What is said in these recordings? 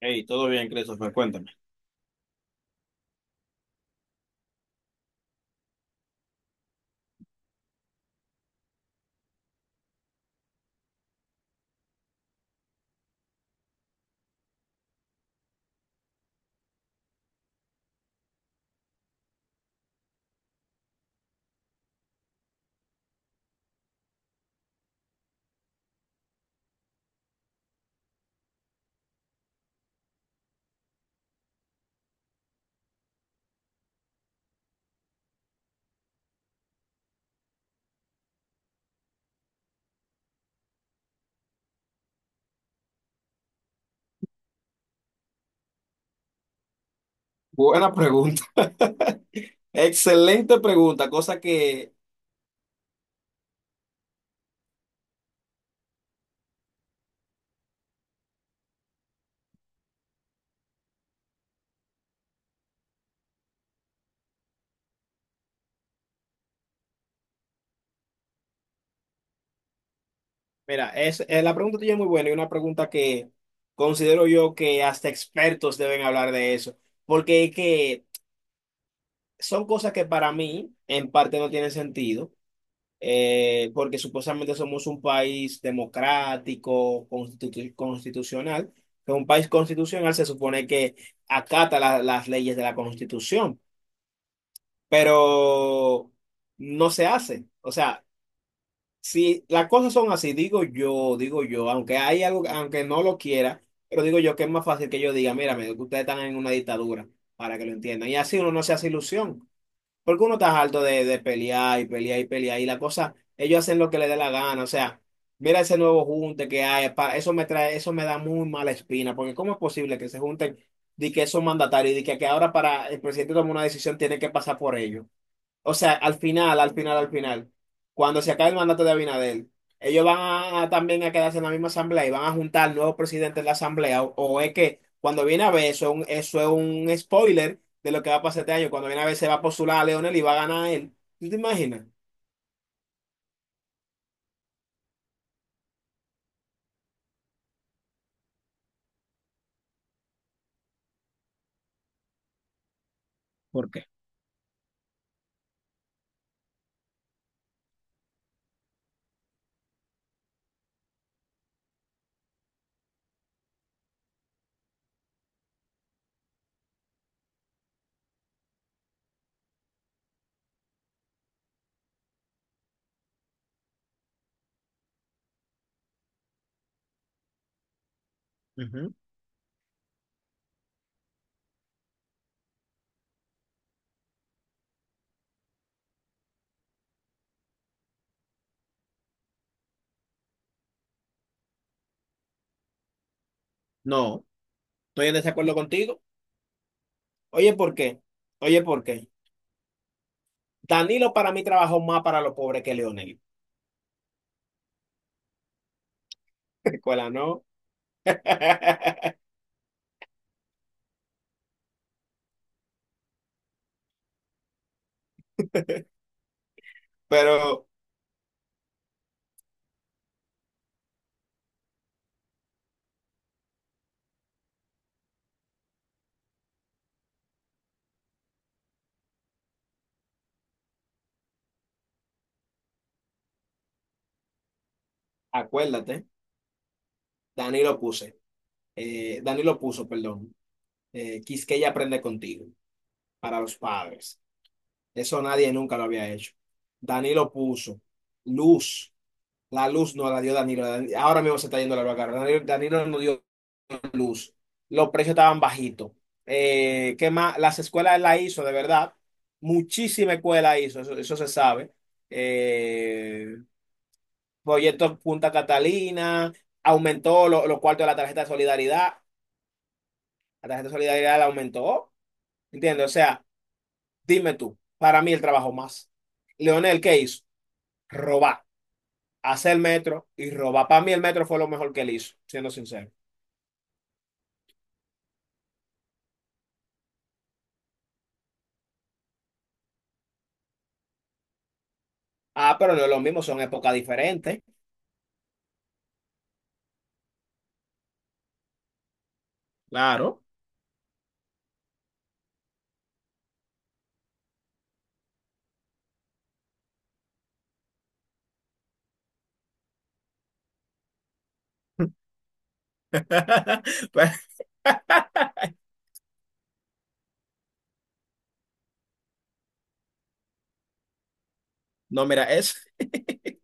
Hey, todo bien, Christopher, cuéntame. Buena pregunta. Excelente pregunta, cosa que la pregunta tuya es muy buena, y una pregunta que considero yo que hasta expertos deben hablar de eso, porque es que son cosas que para mí en parte no tienen sentido, porque supuestamente somos un país democrático, constitucional, que un país constitucional se supone que acata las leyes de la Constitución. Pero no se hace. O sea, si las cosas son así, digo yo, aunque hay algo, aunque no lo quiera, pero digo yo que es más fácil que yo diga, mira, que ustedes están en una dictadura, para que lo entiendan. Y así uno no se hace ilusión, porque uno está harto de pelear y pelear y pelear, y la cosa, ellos hacen lo que les dé la gana, o sea. Mira ese nuevo junte que hay, eso me trae, eso me da muy mala espina, porque ¿cómo es posible que se junten de que son mandatarios y de que ahora para el presidente tomar una decisión tiene que pasar por ellos? O sea, al final, cuando se acabe el mandato de Abinader, ellos van a también a quedarse en la misma asamblea, y van a juntar nuevos presidentes de la asamblea. O es que cuando viene a ver, eso, eso es un spoiler de lo que va a pasar este año. Cuando viene a ver, se va a postular a Leonel y va a ganar él. ¿Tú te imaginas? ¿Por qué? No, estoy en desacuerdo contigo. Oye, ¿por qué? Oye, ¿por qué? Danilo, para mí, trabajó más para los pobres que Leonel. Escuela, ¿no? Pero acuérdate, Danilo puse, Danilo puso, perdón. Quisqueya aprende contigo, para los padres. Eso nadie nunca lo había hecho. Danilo puso luz. La luz no la dio Danilo. Ahora mismo se está yendo la luz acá. Danilo no dio luz. Los precios estaban bajitos. ¿Qué más? Las escuelas él la hizo, de verdad. Muchísima escuela hizo, eso se sabe. Eh, proyecto Punta Catalina, aumentó los cuartos de la tarjeta de solidaridad. La tarjeta de solidaridad la aumentó. ¿Entiendes? O sea. Dime tú, para mí el trabajo más. Leonel, ¿qué hizo? Robar, hacer metro y robar. Para mí el metro fue lo mejor que él hizo, siendo sincero. Ah, pero no es lo mismo, son épocas diferentes. Claro. Pues, no,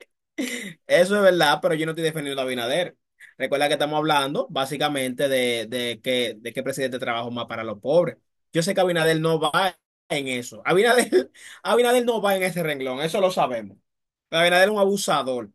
eso es verdad, pero yo no estoy defendiendo a Abinader. Recuerda que estamos hablando básicamente de qué presidente trabaja más para los pobres. Yo sé que Abinader no va en eso. Abinader, Abinader no va en ese renglón, eso lo sabemos. Abinader es un abusador.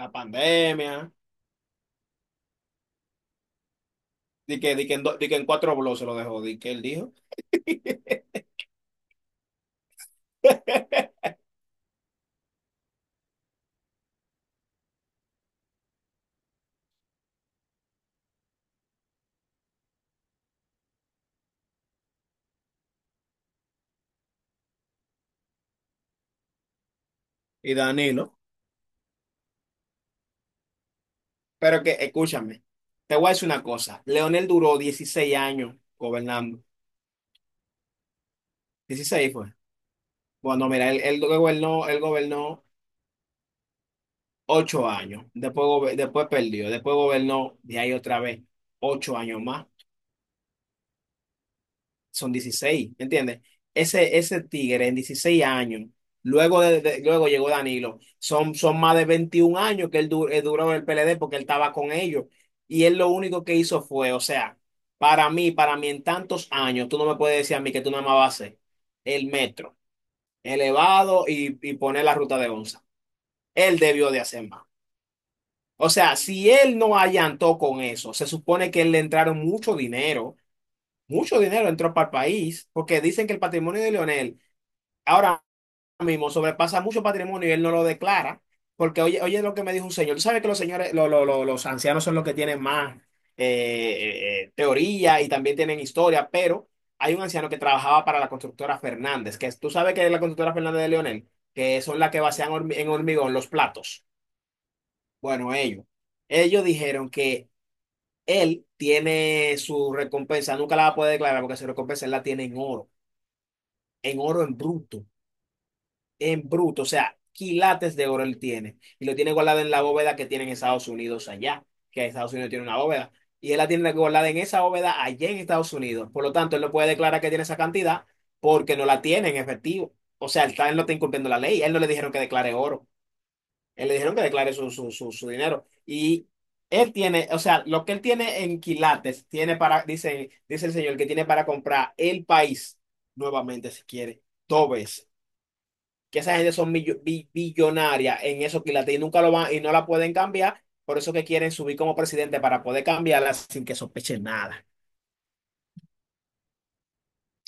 La pandemia. Di que en cuatro blogs se lo dejó, di que él dijo. Y Danilo. Pero que, escúchame, te voy a decir una cosa. Leonel duró 16 años gobernando. Dieciséis fue. Bueno, mira, él gobernó 8 años. Después, después perdió. Después gobernó de ahí otra vez 8 años más. Son 16, ¿me entiendes? Ese tigre en 16 años, luego, luego llegó Danilo, son más de 21 años que él, él duró en el PLD porque él estaba con ellos. Y él lo único que hizo fue, o sea, para mí en tantos años, tú no me puedes decir a mí que tú nada más vas a hacer el metro elevado y poner la ruta de onza. Él debió de hacer más. O sea, si él no allantó con eso, se supone que él le entraron mucho dinero, mucho dinero entró para el país, porque dicen que el patrimonio de Leonel ahora mismo sobrepasa mucho patrimonio y él no lo declara, porque oye, oye lo que me dijo un señor, tú sabes que los señores, los ancianos son los que tienen más teoría y también tienen historia, pero hay un anciano que trabajaba para la constructora Fernández, tú sabes que es la constructora Fernández de Leonel, que son las que vacían en hormigón los platos. Bueno, ellos dijeron que él tiene su recompensa, nunca la va a poder declarar porque su recompensa él la tiene en oro, en oro en bruto. En bruto, o sea, quilates de oro él tiene. Y lo tiene guardado en la bóveda que tiene en Estados Unidos allá, que Estados Unidos tiene una bóveda. Y él la tiene guardada en esa bóveda allá en Estados Unidos. Por lo tanto, él no puede declarar que tiene esa cantidad porque no la tiene en efectivo. O sea, él no está incumpliendo la ley. A él no le dijeron que declare oro. A él le dijeron que declare su dinero. Y él tiene, o sea, lo que él tiene en quilates, tiene para, dice el señor, que tiene para comprar el país nuevamente si quiere, dos veces, que esa gente son billonarias en eso, que y nunca lo van y no la pueden cambiar, por eso que quieren subir como presidente para poder cambiarla sin que sospechen nada.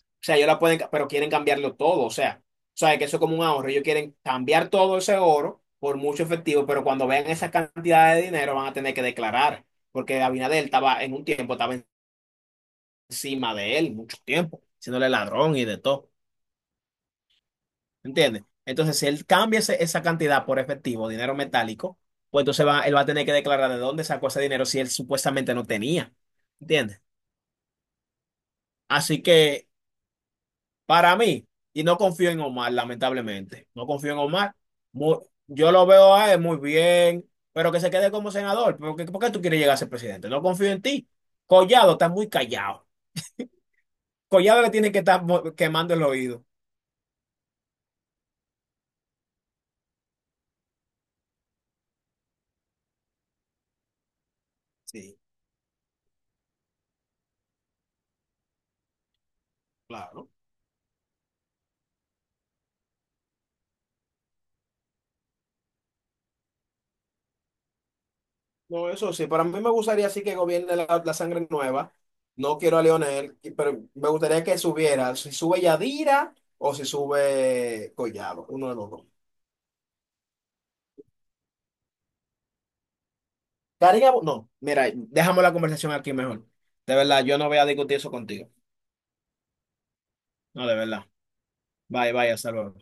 O sea, ellos la pueden, ca- pero quieren cambiarlo todo, o sea, que eso es como un ahorro, ellos quieren cambiar todo ese oro por mucho efectivo, pero cuando vean esa cantidad de dinero van a tener que declarar, porque Abinader estaba en un tiempo, estaba encima de él mucho tiempo, siéndole ladrón y de todo. ¿Entiendes? Entonces, si él cambia esa cantidad por efectivo, dinero metálico, pues entonces él va a tener que declarar de dónde sacó ese dinero si él supuestamente no tenía. ¿Entiendes? Así que, para mí, y no confío en Omar, lamentablemente, no confío en Omar. Mu- yo lo veo a él muy bien, pero que se quede como senador. Por qué tú quieres llegar a ser presidente? No confío en ti. Collado está muy callado. Collado le tiene que estar quemando el oído. Sí, claro. No, eso sí, para mí me gustaría sí que gobierne la sangre nueva. No quiero a Leonel, pero me gustaría que subiera, si sube Yadira o si sube Collado, uno de los dos. Karina, no, mira, dejamos la conversación aquí mejor. De verdad, yo no voy a discutir eso contigo. No, de verdad. Bye, bye, hasta luego.